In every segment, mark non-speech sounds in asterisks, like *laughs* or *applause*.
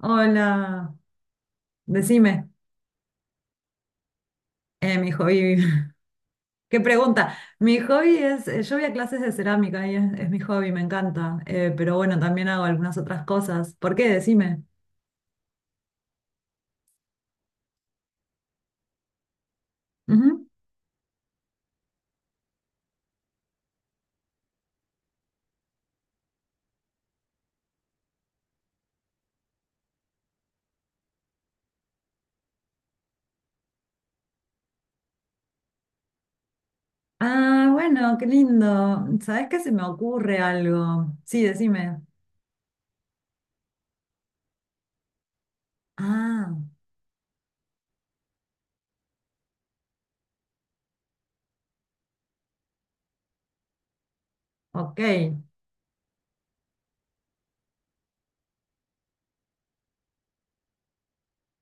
Hola, decime, mi hobby, *laughs* qué pregunta. Mi hobby es, yo voy a clases de cerámica y es mi hobby, me encanta. Pero bueno, también hago algunas otras cosas. ¿Por qué? Decime. Ujú. Ah, bueno, qué lindo. ¿Sabés qué? Se me ocurre algo. Sí, decime. Ah, ok.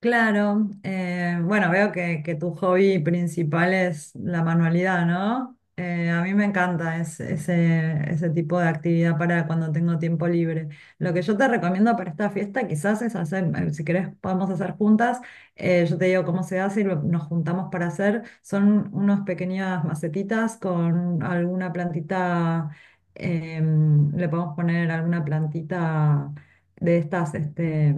Claro, bueno, veo que tu hobby principal es la manualidad, ¿no? A mí me encanta ese, ese tipo de actividad para cuando tengo tiempo libre. Lo que yo te recomiendo para esta fiesta quizás es hacer, si querés podemos hacer juntas, yo te digo cómo se hace y nos juntamos para hacer, son unas pequeñas macetitas con alguna plantita, le podemos poner alguna plantita de estas, este,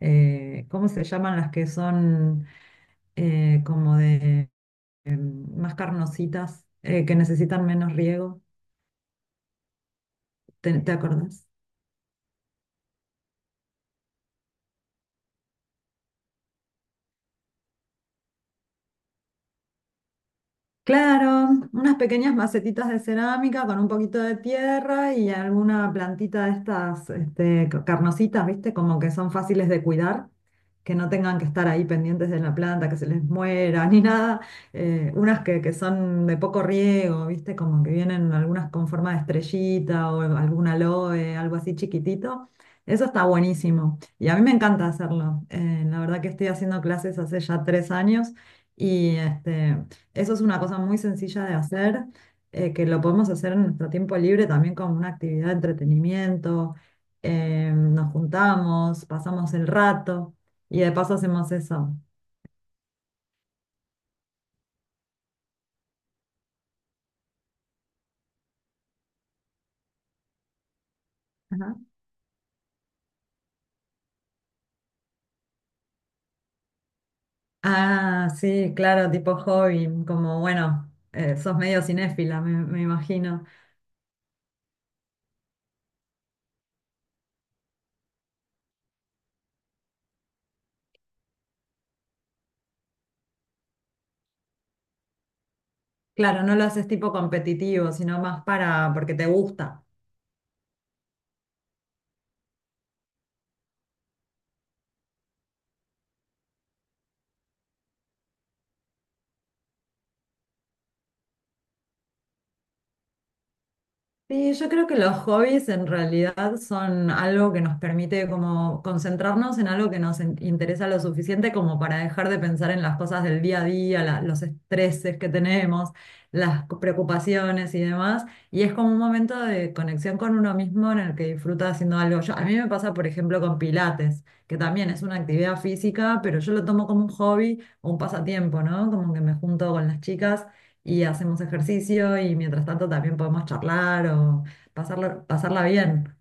¿cómo se llaman las que son, como de, más carnositas, que necesitan menos riego? ¿Te, te acordás? Claro, unas pequeñas macetitas de cerámica con un poquito de tierra y alguna plantita de estas, este, carnositas, ¿viste? Como que son fáciles de cuidar, que no tengan que estar ahí pendientes de la planta, que se les muera *laughs* ni nada. Unas que son de poco riego, ¿viste? Como que vienen algunas con forma de estrellita o alguna aloe, algo así chiquitito. Eso está buenísimo y a mí me encanta hacerlo. La verdad que estoy haciendo clases hace ya 3 años. Y este, eso es una cosa muy sencilla de hacer, que lo podemos hacer en nuestro tiempo libre también como una actividad de entretenimiento. Nos juntamos, pasamos el rato y de paso hacemos eso. Ajá. Ah, sí, claro, tipo hobby, como bueno, sos medio cinéfila, me imagino. Claro, no lo haces tipo competitivo, sino más para porque te gusta. Sí, yo creo que los hobbies en realidad son algo que nos permite como concentrarnos en algo que nos interesa lo suficiente como para dejar de pensar en las cosas del día a día, los estreses que tenemos, preocupaciones y demás. Y es como un momento de conexión con uno mismo en el que disfruta haciendo algo. Yo, a mí me pasa, por ejemplo, con Pilates, que también es una actividad física, pero yo lo tomo como un hobby o un pasatiempo, ¿no? Como que me junto con las chicas y hacemos ejercicio y mientras tanto también podemos charlar o pasarla bien.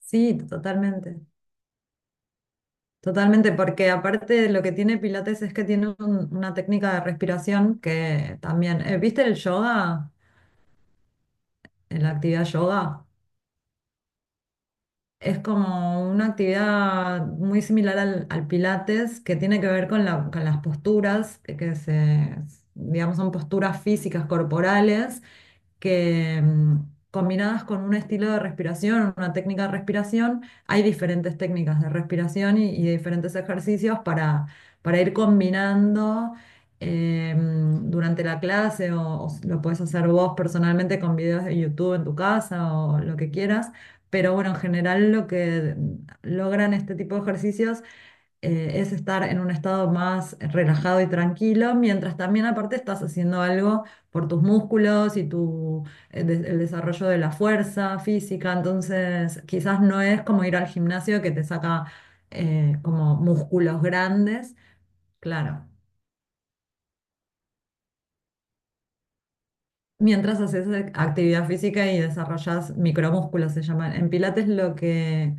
Sí, totalmente, totalmente, porque aparte lo que tiene Pilates es que tiene una técnica de respiración que también, ¿viste el yoga? La actividad yoga. Es como una actividad muy similar al, al Pilates que tiene que ver con con las posturas, que se, digamos, son posturas físicas corporales que, combinadas con un estilo de respiración, una técnica de respiración, hay diferentes técnicas de respiración y diferentes ejercicios para ir combinando, durante la clase o, lo puedes hacer vos personalmente con videos de YouTube en tu casa o lo que quieras. Pero bueno, en general lo que logran este tipo de ejercicios, es estar en un estado más relajado y tranquilo, mientras también aparte estás haciendo algo por tus músculos y tu, el desarrollo de la fuerza física. Entonces quizás no es como ir al gimnasio que te saca, como músculos grandes, claro. Mientras haces actividad física y desarrollas micromúsculos, se llaman. En Pilates lo que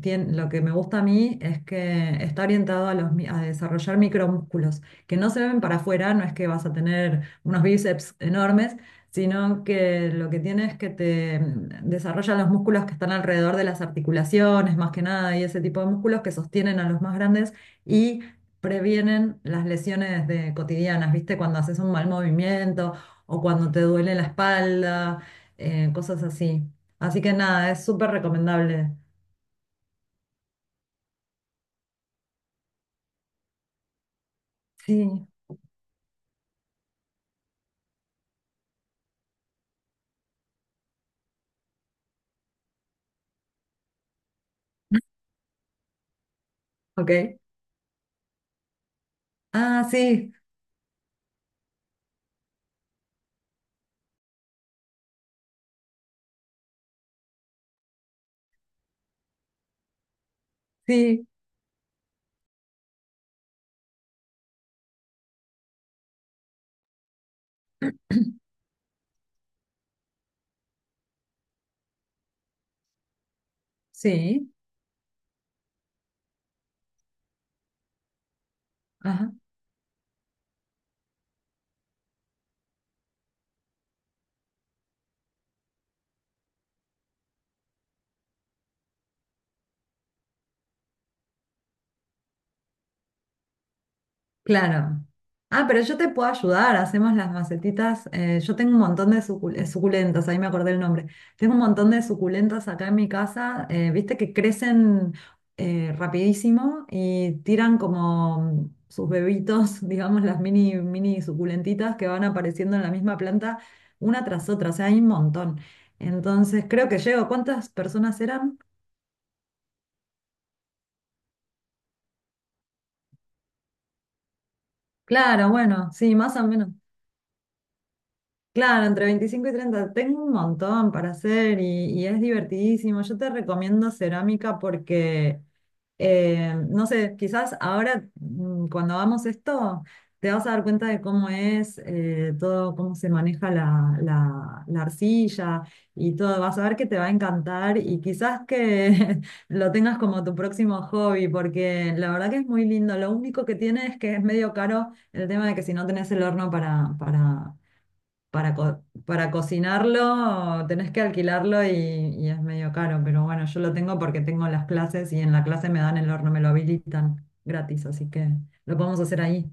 lo que me gusta a mí es que está orientado a, los, a desarrollar micromúsculos, que no se ven para afuera, no es que vas a tener unos bíceps enormes, sino que lo que tiene es que te, desarrollan los músculos que están alrededor de las articulaciones, más que nada, y ese tipo de músculos que sostienen a los más grandes y previenen las lesiones de, cotidianas, ¿viste? Cuando haces un mal movimiento o cuando te duele la espalda, cosas así. Así que nada, es súper recomendable. Sí. Ok. Ah, sí, sí, sí. Ajá, claro. Ah, pero yo te puedo ayudar. Hacemos las macetitas. Yo tengo un montón de suculentas, ahí me acordé el nombre. Tengo un montón de suculentas acá en mi casa. Viste que crecen, rapidísimo y tiran como sus bebitos, *laughs* digamos, las mini suculentitas que van apareciendo en la misma planta una tras otra. O sea, hay un montón. Entonces, creo que llego. ¿Cuántas personas eran? Claro, bueno, sí, más o menos. Claro, entre 25 y 30. Tengo un montón para hacer y es divertidísimo. Yo te recomiendo cerámica porque, no sé, quizás ahora, cuando hagamos esto, te vas a dar cuenta de cómo es, todo, cómo se maneja la arcilla y todo. Vas a ver que te va a encantar y quizás que *laughs* lo tengas como tu próximo hobby porque la verdad que es muy lindo. Lo único que tiene es que es medio caro el tema de que si no tenés el horno para cocinarlo tenés que alquilarlo y es medio caro, pero bueno, yo lo tengo porque tengo las clases y en la clase me dan el horno, me lo habilitan gratis, así que lo podemos hacer ahí.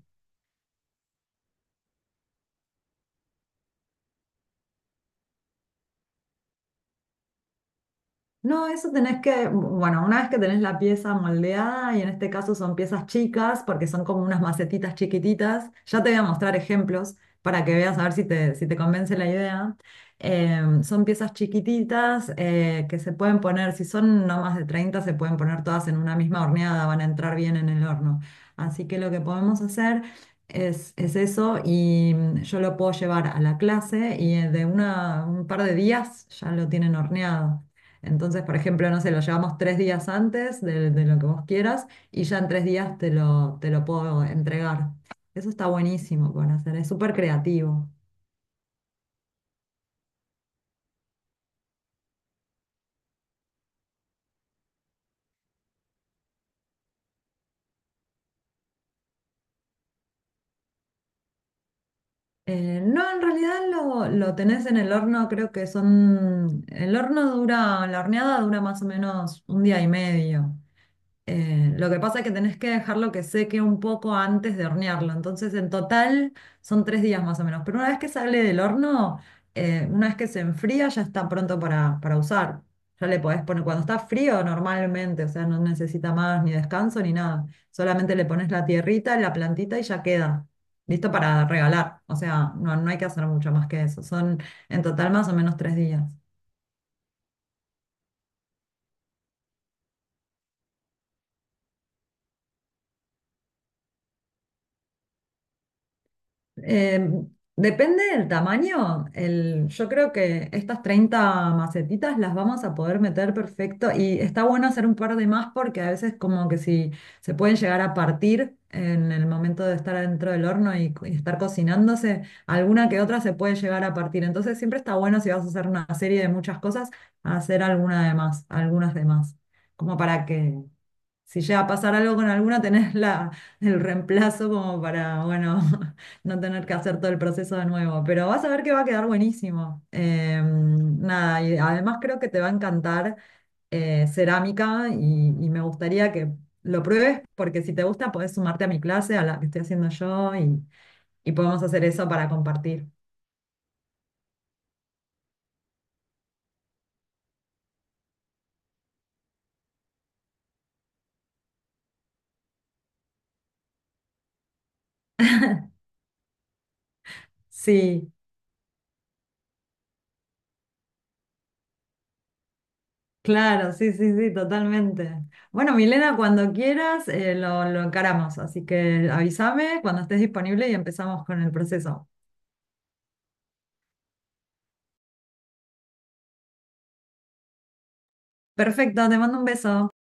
No, eso tenés que, bueno, una vez que tenés la pieza moldeada, y en este caso son piezas chicas, porque son como unas macetitas chiquititas, ya te voy a mostrar ejemplos para que veas a ver si te, si te convence la idea. Son piezas chiquititas, que se pueden poner, si son no más de 30 se pueden poner todas en una misma horneada, van a entrar bien en el horno. Así que lo que podemos hacer es eso y, yo lo puedo llevar a la clase y, un par de días ya lo tienen horneado. Entonces, por ejemplo, no sé, lo llevamos 3 días antes de lo que vos quieras y ya en 3 días te lo puedo entregar. Eso está buenísimo para hacer, es súper creativo. No, en realidad lo tenés en el horno, creo que son... El horno dura, la horneada dura más o menos un día y medio. Lo que pasa es que tenés que dejarlo que seque un poco antes de hornearlo. Entonces, en total son 3 días más o menos. Pero una vez que sale del horno, una vez que se enfría, ya está pronto para usar. Ya le podés poner, cuando está frío normalmente, o sea, no necesita más ni descanso ni nada. Solamente le pones la tierrita, la plantita y ya queda. Listo para regalar. O sea, no, no hay que hacer mucho más que eso. Son en total más o menos 3 días. Eh, Depende del tamaño. El, yo creo que estas 30 macetitas las vamos a poder meter perfecto y está bueno hacer un par de más porque a veces como que si se pueden llegar a partir en el momento de estar adentro del horno y, y estar cocinándose, alguna que otra se puede llegar a partir. Entonces siempre está bueno si vas a hacer una serie de muchas cosas, hacer alguna de más, algunas de más, como para que si llega a pasar algo con alguna, tenés la, el reemplazo como para, bueno, *laughs* no tener que hacer todo el proceso de nuevo. Pero vas a ver que va a quedar buenísimo. Nada, y además creo que te va a encantar, cerámica y me gustaría que lo pruebes porque si te gusta podés sumarte a mi clase, a la que estoy haciendo yo y podemos hacer eso para compartir. Sí. Claro, sí, sí, sí, totalmente. Bueno, Milena, cuando quieras, lo encaramos, así que avísame cuando estés disponible y empezamos con el proceso. Perfecto, te mando un beso.